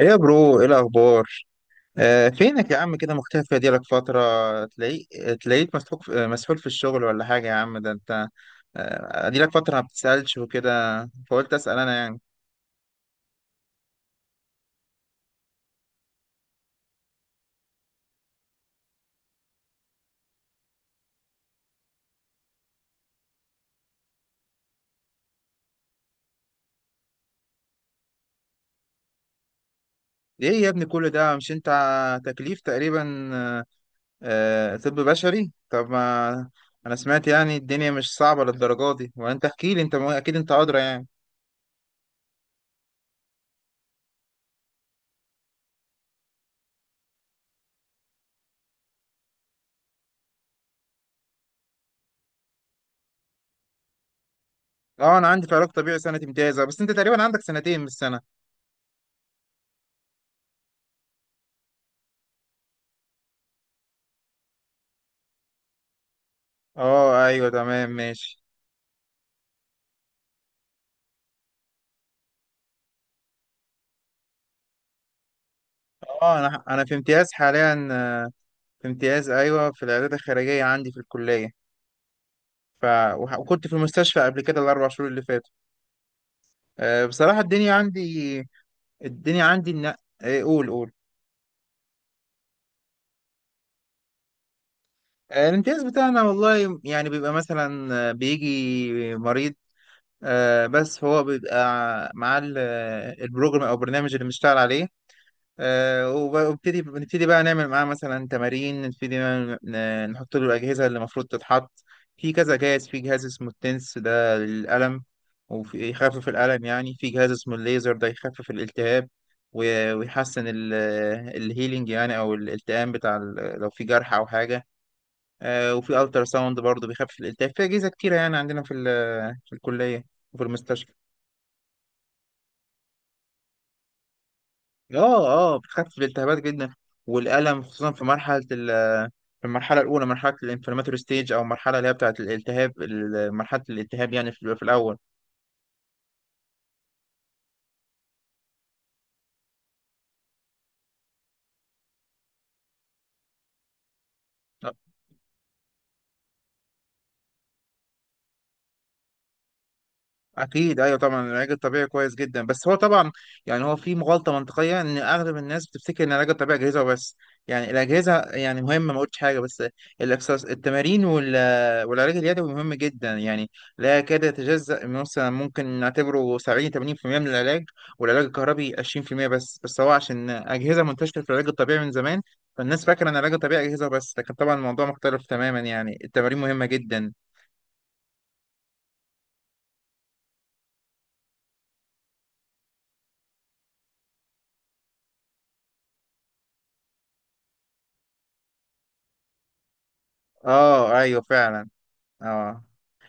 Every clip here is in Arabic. ايه يا برو، ايه الاخبار؟ آه، فينك يا عم؟ كده مختفي، دي لك فتره. تلاقيك تلاقيك مسحول في الشغل، ولا حاجه؟ يا عم ده انت. دي لك فتره ما بتسالش وكده، فقلت اسال انا يعني. ايه يا ابني، كل ده، مش انت تكليف تقريبا؟ آه، طب بشري. طب ما انا سمعت يعني الدنيا مش صعبه للدرجه دي، وانت احكي لي، انت اكيد انت ادرى يعني. اه انا عندي في علاج طبيعي سنه امتيازه، بس انت تقريبا عندك سنتين مش سنه. اه ايوه تمام ماشي. اه، انا في امتياز حاليا. في امتياز، ايوه، في العيادات الخارجيه عندي في الكليه. ف وكنت في المستشفى قبل كده الاربع شهور اللي فاتوا. بصراحه الدنيا عندي. الدنيا عندي إن. قول قول. الامتياز بتاعنا، والله يعني بيبقى مثلا بيجي مريض. بس هو بيبقى معاه البروجرام او البرنامج اللي بنشتغل عليه. آه، وب- وابتدي بنبتدي بقى نعمل معاه مثلا تمارين، نحط له الأجهزة اللي المفروض تتحط. في كذا جهاز. في جهاز اسمه التنس، ده للألم وفي يخفف الألم يعني. في جهاز اسمه الليزر، ده يخفف الالتهاب ويحسن الهيلينج يعني، أو الالتئام بتاع لو في جرح أو حاجة. وفي ألترا ساوند برضه بيخفف الالتهاب. في أجهزة كتيرة يعني عندنا في الكلية وفي المستشفى. اه. اه بتخفف الالتهابات جدا والألم، خصوصا في المرحلة الأولى، مرحلة الانفلاماتوري ستيج، أو المرحلة اللي هي بتاعة الالتهاب، مرحلة الالتهاب يعني، في الأول. آه. اكيد، ايوه، طبعا العلاج الطبيعي كويس جدا، بس هو طبعا يعني هو في غلطه منطقيه ان اغلب الناس بتفتكر ان العلاج الطبيعي اجهزه وبس. يعني الاجهزه يعني مهمه، ما قلتش حاجه، بس الاكسس التمارين والعلاج اليدوي مهم جدا يعني، لا يكاد يتجزأ مثلا ممكن نعتبره 70 80% من العلاج، والعلاج الكهربي 20% بس، بس هو عشان اجهزه منتشره في العلاج الطبيعي من زمان، فالناس فاكره ان العلاج الطبيعي اجهزه بس. لكن طبعا الموضوع مختلف تماما يعني، التمارين مهمه جدا. اه ايوه فعلا. اه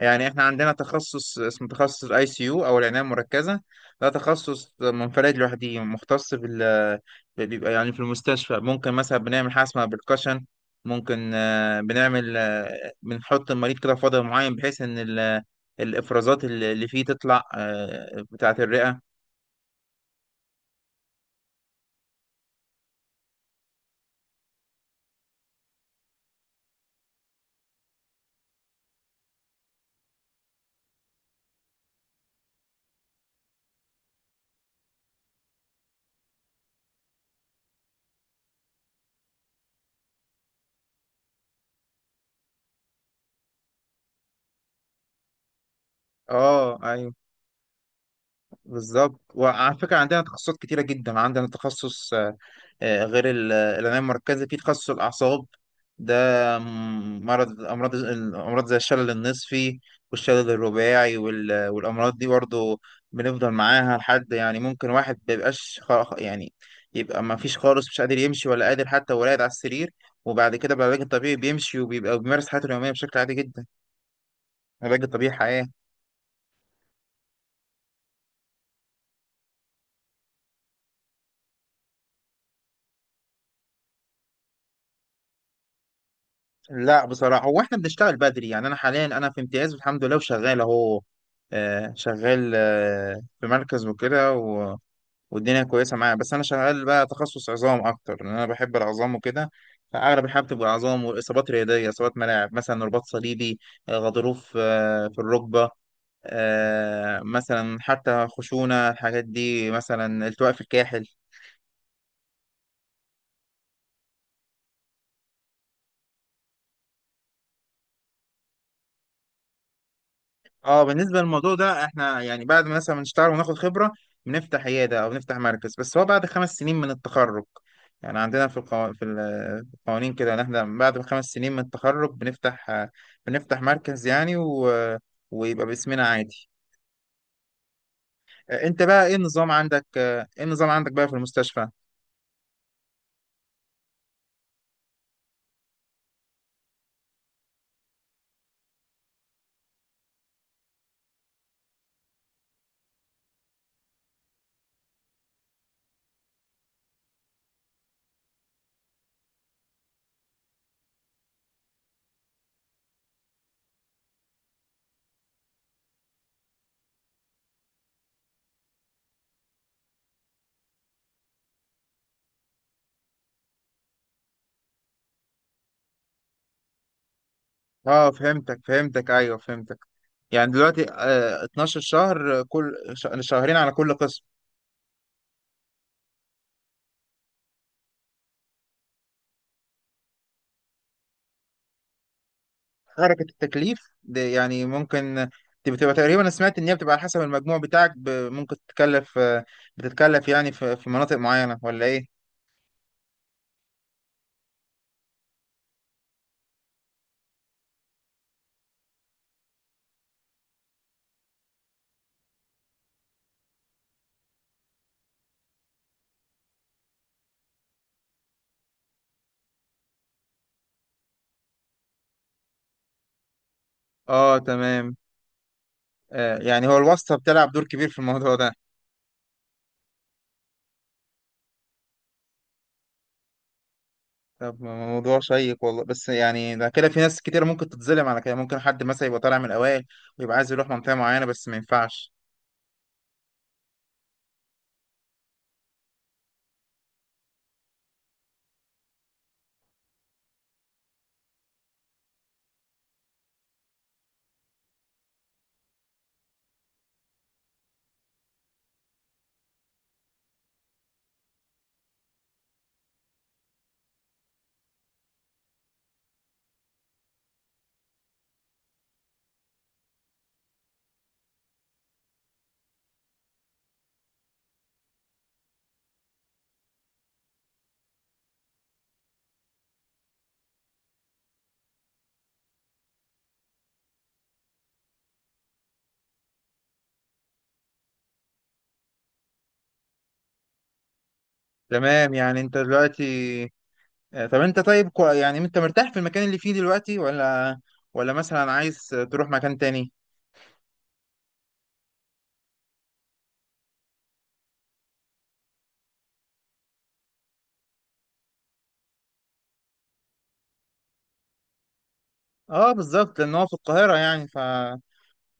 يعني احنا عندنا تخصص، اسمه تخصص الاي سي يو او العنايه المركزه، ده تخصص منفرد لوحده، مختص بال. بيبقى يعني في المستشفى ممكن مثلا بنعمل حاجه اسمها بالكشن، ممكن بنعمل، بنحط المريض كده في وضع معين بحيث ان الافرازات اللي فيه تطلع، بتاعه الرئه. اه ايوه بالظبط. وعلى فكرة عندنا تخصصات كتيرة جدا. عندنا تخصص، غير العناية المركزة، في تخصص الأعصاب ده، م- مرض أمراض الأمراض زي الشلل النصفي والشلل الرباعي، والأمراض دي برضه بنفضل معاها لحد يعني، ممكن واحد مبيبقاش يعني يبقى ما فيش خالص، مش قادر يمشي ولا قادر، حتى ولا قاعد على السرير، وبعد كده بالعلاج الطبيعي بيمشي وبيبقى بيمارس حياته اليومية بشكل عادي جدا. العلاج الطبيعي حياة. لا، بصراحة هو احنا بنشتغل بدري يعني. انا حاليا انا في امتياز، الحمد لله، وشغال اهو. شغال، في مركز وكده، والدنيا كويسة معايا. بس انا شغال بقى تخصص عظام اكتر، لان انا بحب العظام وكده، فاغلب الحاجة بتبقى عظام واصابات رياضية، اصابات ملاعب، مثلا رباط صليبي، غضروف، في الركبة، مثلا حتى خشونة. الحاجات دي مثلا التواء في الكاحل. اه، بالنسبه للموضوع ده احنا يعني بعد ما مثلا نشتغل وناخد خبره بنفتح عياده او نفتح مركز، بس هو بعد 5 سنين من التخرج يعني. عندنا في القوانين كده ان احنا بعد 5 سنين من التخرج بنفتح، مركز يعني، ويبقى باسمنا عادي. انت بقى ايه النظام عندك بقى في المستشفى؟ اه فهمتك فهمتك ايوه فهمتك. يعني دلوقتي 12 شهر، كل شهرين على كل قسم. حركة التكليف دي يعني ممكن، دي بتبقى تقريبا أنا سمعت إن هي بتبقى على حسب المجموع بتاعك، ممكن تتكلف، بتتكلف يعني في في مناطق معينة ولا إيه؟ آه تمام. يعني هو الواسطة بتلعب دور كبير في الموضوع ده. طب موضوع شيق والله، بس يعني ده كده في ناس كتير ممكن تتظلم على كده، ممكن حد مثلا يبقى طالع من الأوائل ويبقى عايز يروح منطقة معينة بس ما ينفعش. تمام، يعني أنت دلوقتي، طب أنت طيب يعني أنت مرتاح في المكان اللي فيه دلوقتي، ولا مثلا عايز تروح مكان تاني؟ اه بالظبط، لان هو في القاهرة يعني.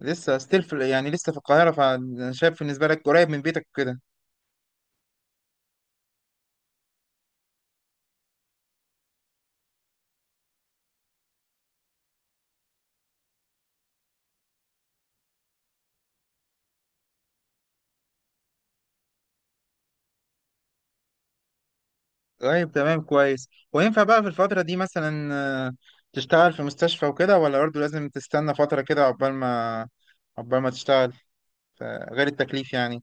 لسه في القاهرة. فانا شايف بالنسبة لك قريب من بيتك كده. طيب تمام كويس. وينفع بقى في الفترة دي مثلا، آه، تشتغل في مستشفى وكده، ولا برضه لازم تستنى فترة كده عقبال ما تشتغل؟ ف- غير التكليف يعني.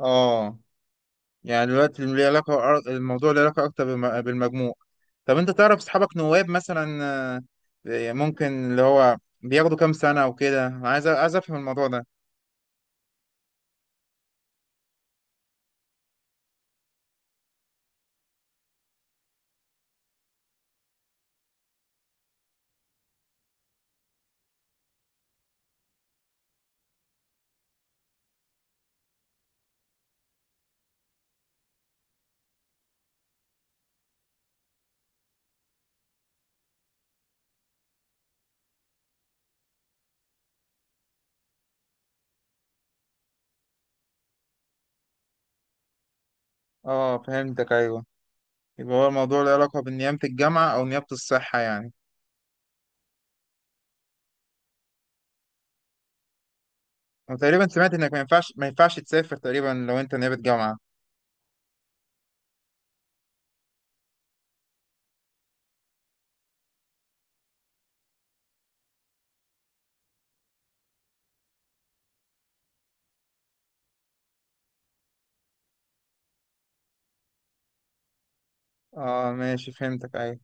اه، يعني دلوقتي ليه علاقة الموضوع له علاقة أكتر بالمجموع. طب أنت تعرف أصحابك نواب مثلا، ممكن اللي هو بياخدوا كام سنة وكده؟ أنا عايز أفهم الموضوع ده. اه فهمتك أيوه، يبقى هو الموضوع له علاقة بنيابة الجامعة أو نيابة الصحة يعني. وتقريبا سمعت إنك ما ينفعش تسافر تقريبا لو أنت نيابة جامعة. اه ماشي فهمتك أيوة.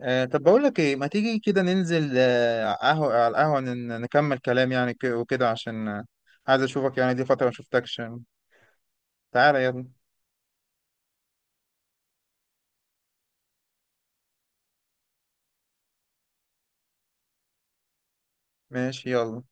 طب بقول لك إيه، ما تيجي كده ننزل قهوة على القهوة، نكمل كلام يعني، وكده عشان عايز أشوفك يعني. دي فترة ما شفتكش. تعالى يلا. ماشي يلا.